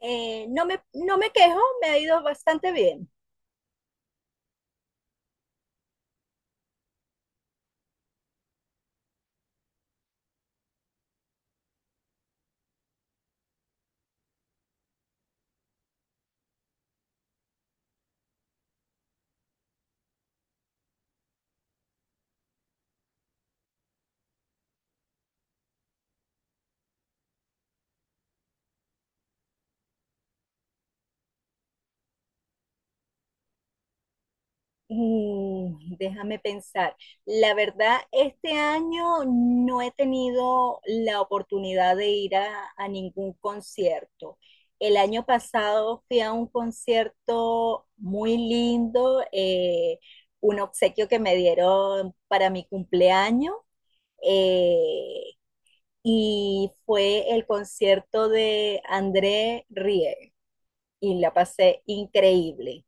No me quejo, me ha ido bastante bien. Mm, déjame pensar. La verdad, este año no he tenido la oportunidad de ir a ningún concierto. El año pasado fui a un concierto muy lindo, un obsequio que me dieron para mi cumpleaños. eh, y fue el concierto de André Rie. Y la pasé increíble.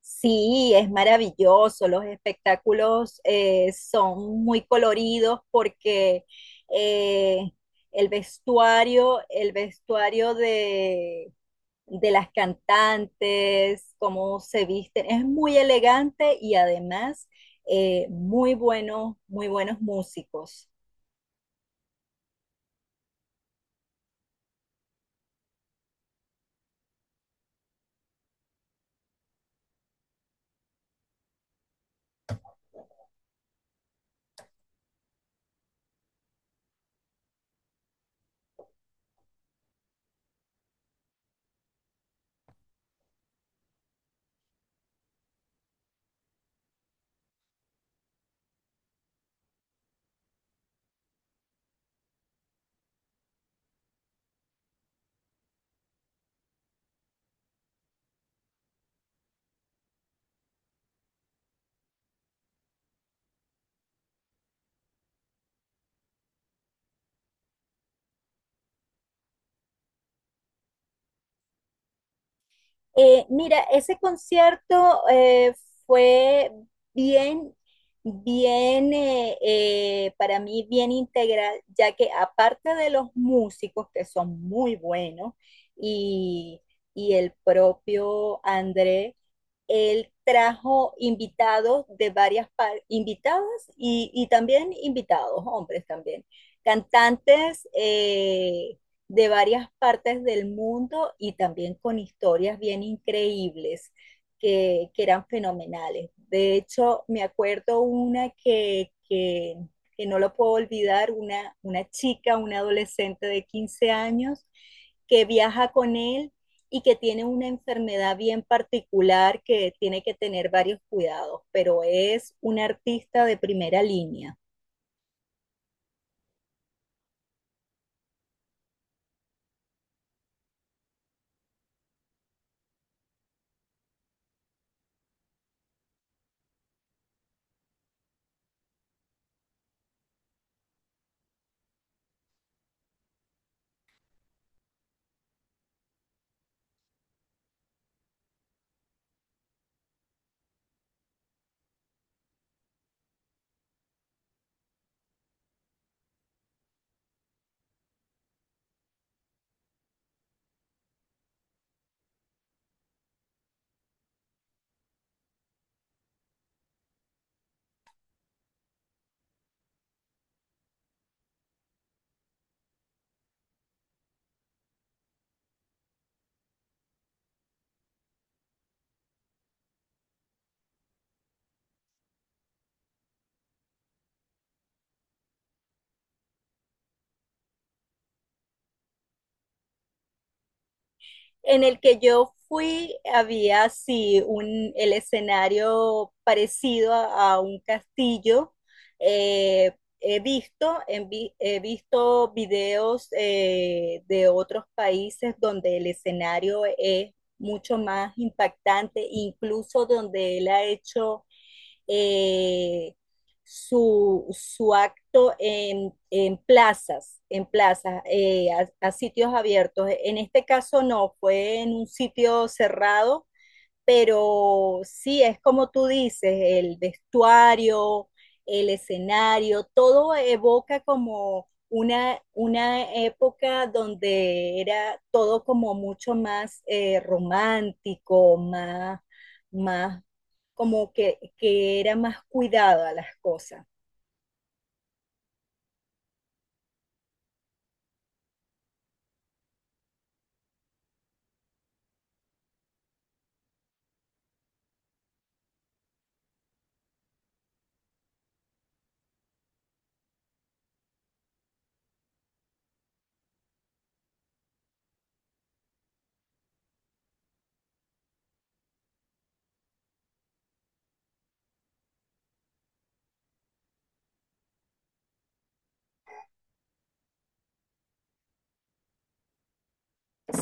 Sí, es maravilloso, los espectáculos son muy coloridos porque eh, el vestuario de las cantantes, cómo se visten, es muy elegante y además muy buenos músicos. Mira, ese concierto fue bien, bien, para mí bien integral, ya que aparte de los músicos que son muy buenos y, y el propio André, él trajo invitados de varias par- invitadas y también invitados, hombres también, cantantes de varias partes del mundo y también con historias bien increíbles que, eran fenomenales. De hecho, me acuerdo una que, que no lo puedo olvidar, una chica, una adolescente de 15 años que viaja con él y que tiene una enfermedad bien particular que tiene que tener varios cuidados, pero es un artista de primera línea. En el que yo fui, había sí un, el escenario parecido a un castillo. Eh, he visto, en vi- he visto videos de otros países donde el escenario es mucho más impactante, incluso donde él ha hecho eh, su acto en plazas, en plazas, sitios abiertos. En este caso no, fue en un sitio cerrado pero sí, es como tú dices, el vestuario, el escenario, todo evoca como una época donde era todo como mucho más romántico, más, más como que era más cuidado a las cosas.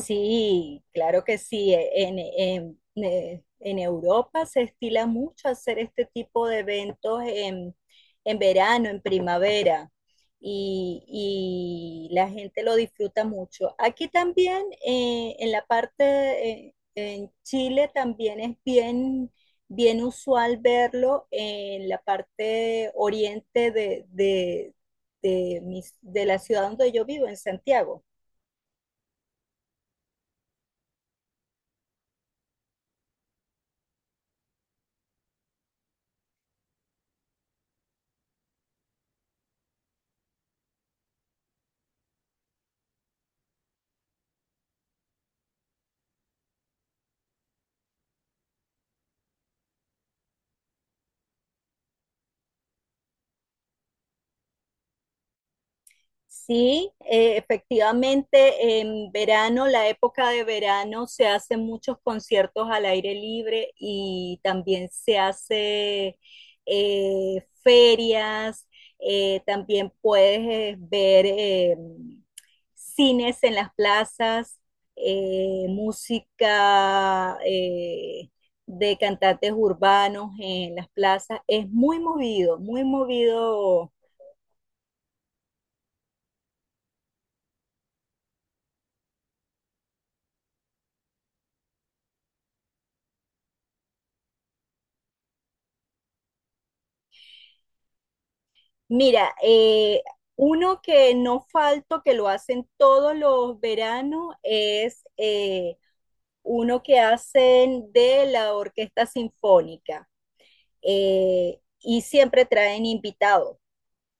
Sí, claro que sí. En Europa se estila mucho hacer este tipo de eventos en verano, en primavera, y, y la gente lo disfruta mucho. Aquí también, en la parte, en Chile también es bien usual verlo en la parte oriente de mis- de la ciudad donde yo vivo, en Santiago. Sí, efectivamente, en verano, la época de verano, se hacen muchos conciertos al aire libre y también se hace ferias, también puedes ver cines en las plazas, música de cantantes urbanos en las plazas. Es muy movido. Mira, uno que no falto, que lo hacen todos los veranos, es uno que hacen de la Orquesta Sinfónica, y siempre traen invitados.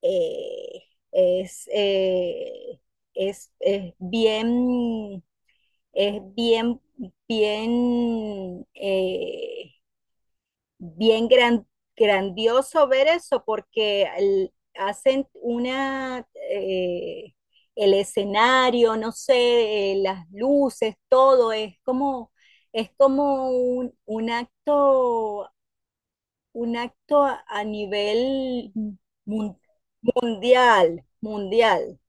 Eh, es, eh, es es bien, bien eh, bien gran- grandioso ver eso porque el- hacen una, el escenario, no sé, las luces, todo es como un acto a nivel mundial, mundial.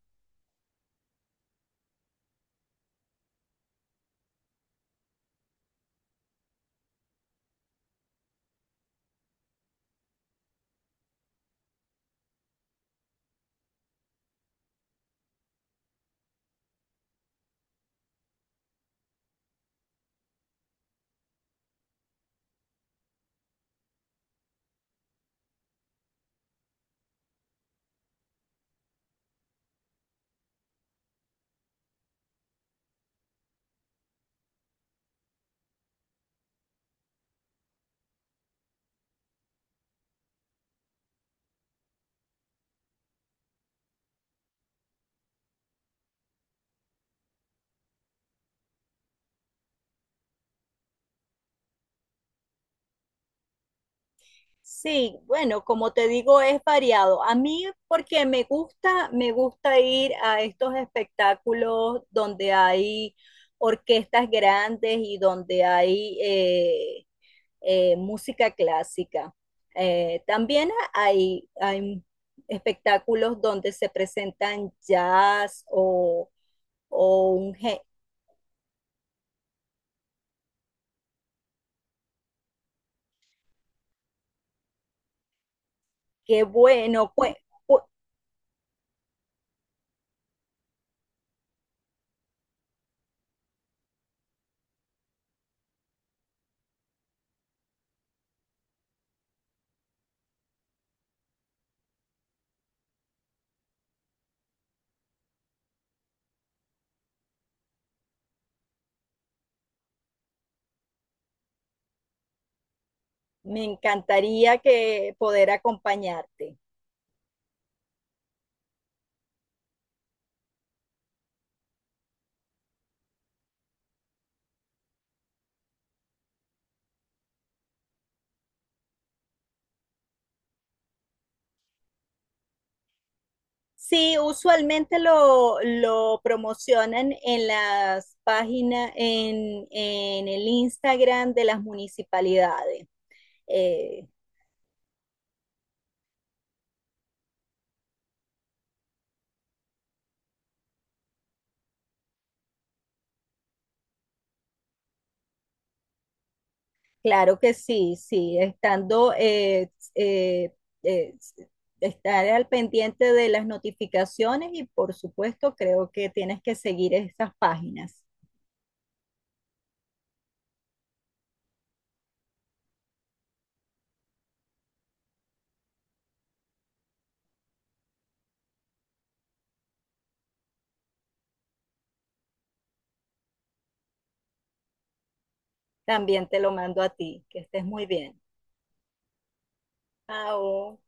Sí, bueno, como te digo, es variado. A mí, porque me gusta ir a estos espectáculos donde hay orquestas grandes y donde hay música clásica. También hay espectáculos donde se presentan jazz o un... gé- Qué bueno, pues, me encantaría que poder acompañarte. Sí, usualmente lo promocionan en las páginas, en el Instagram de las municipalidades. Eh, claro que sí, sí, estando, eh, estar al pendiente de las notificaciones y por supuesto creo que tienes que seguir esas páginas. También te lo mando a ti, que estés muy bien. Chao.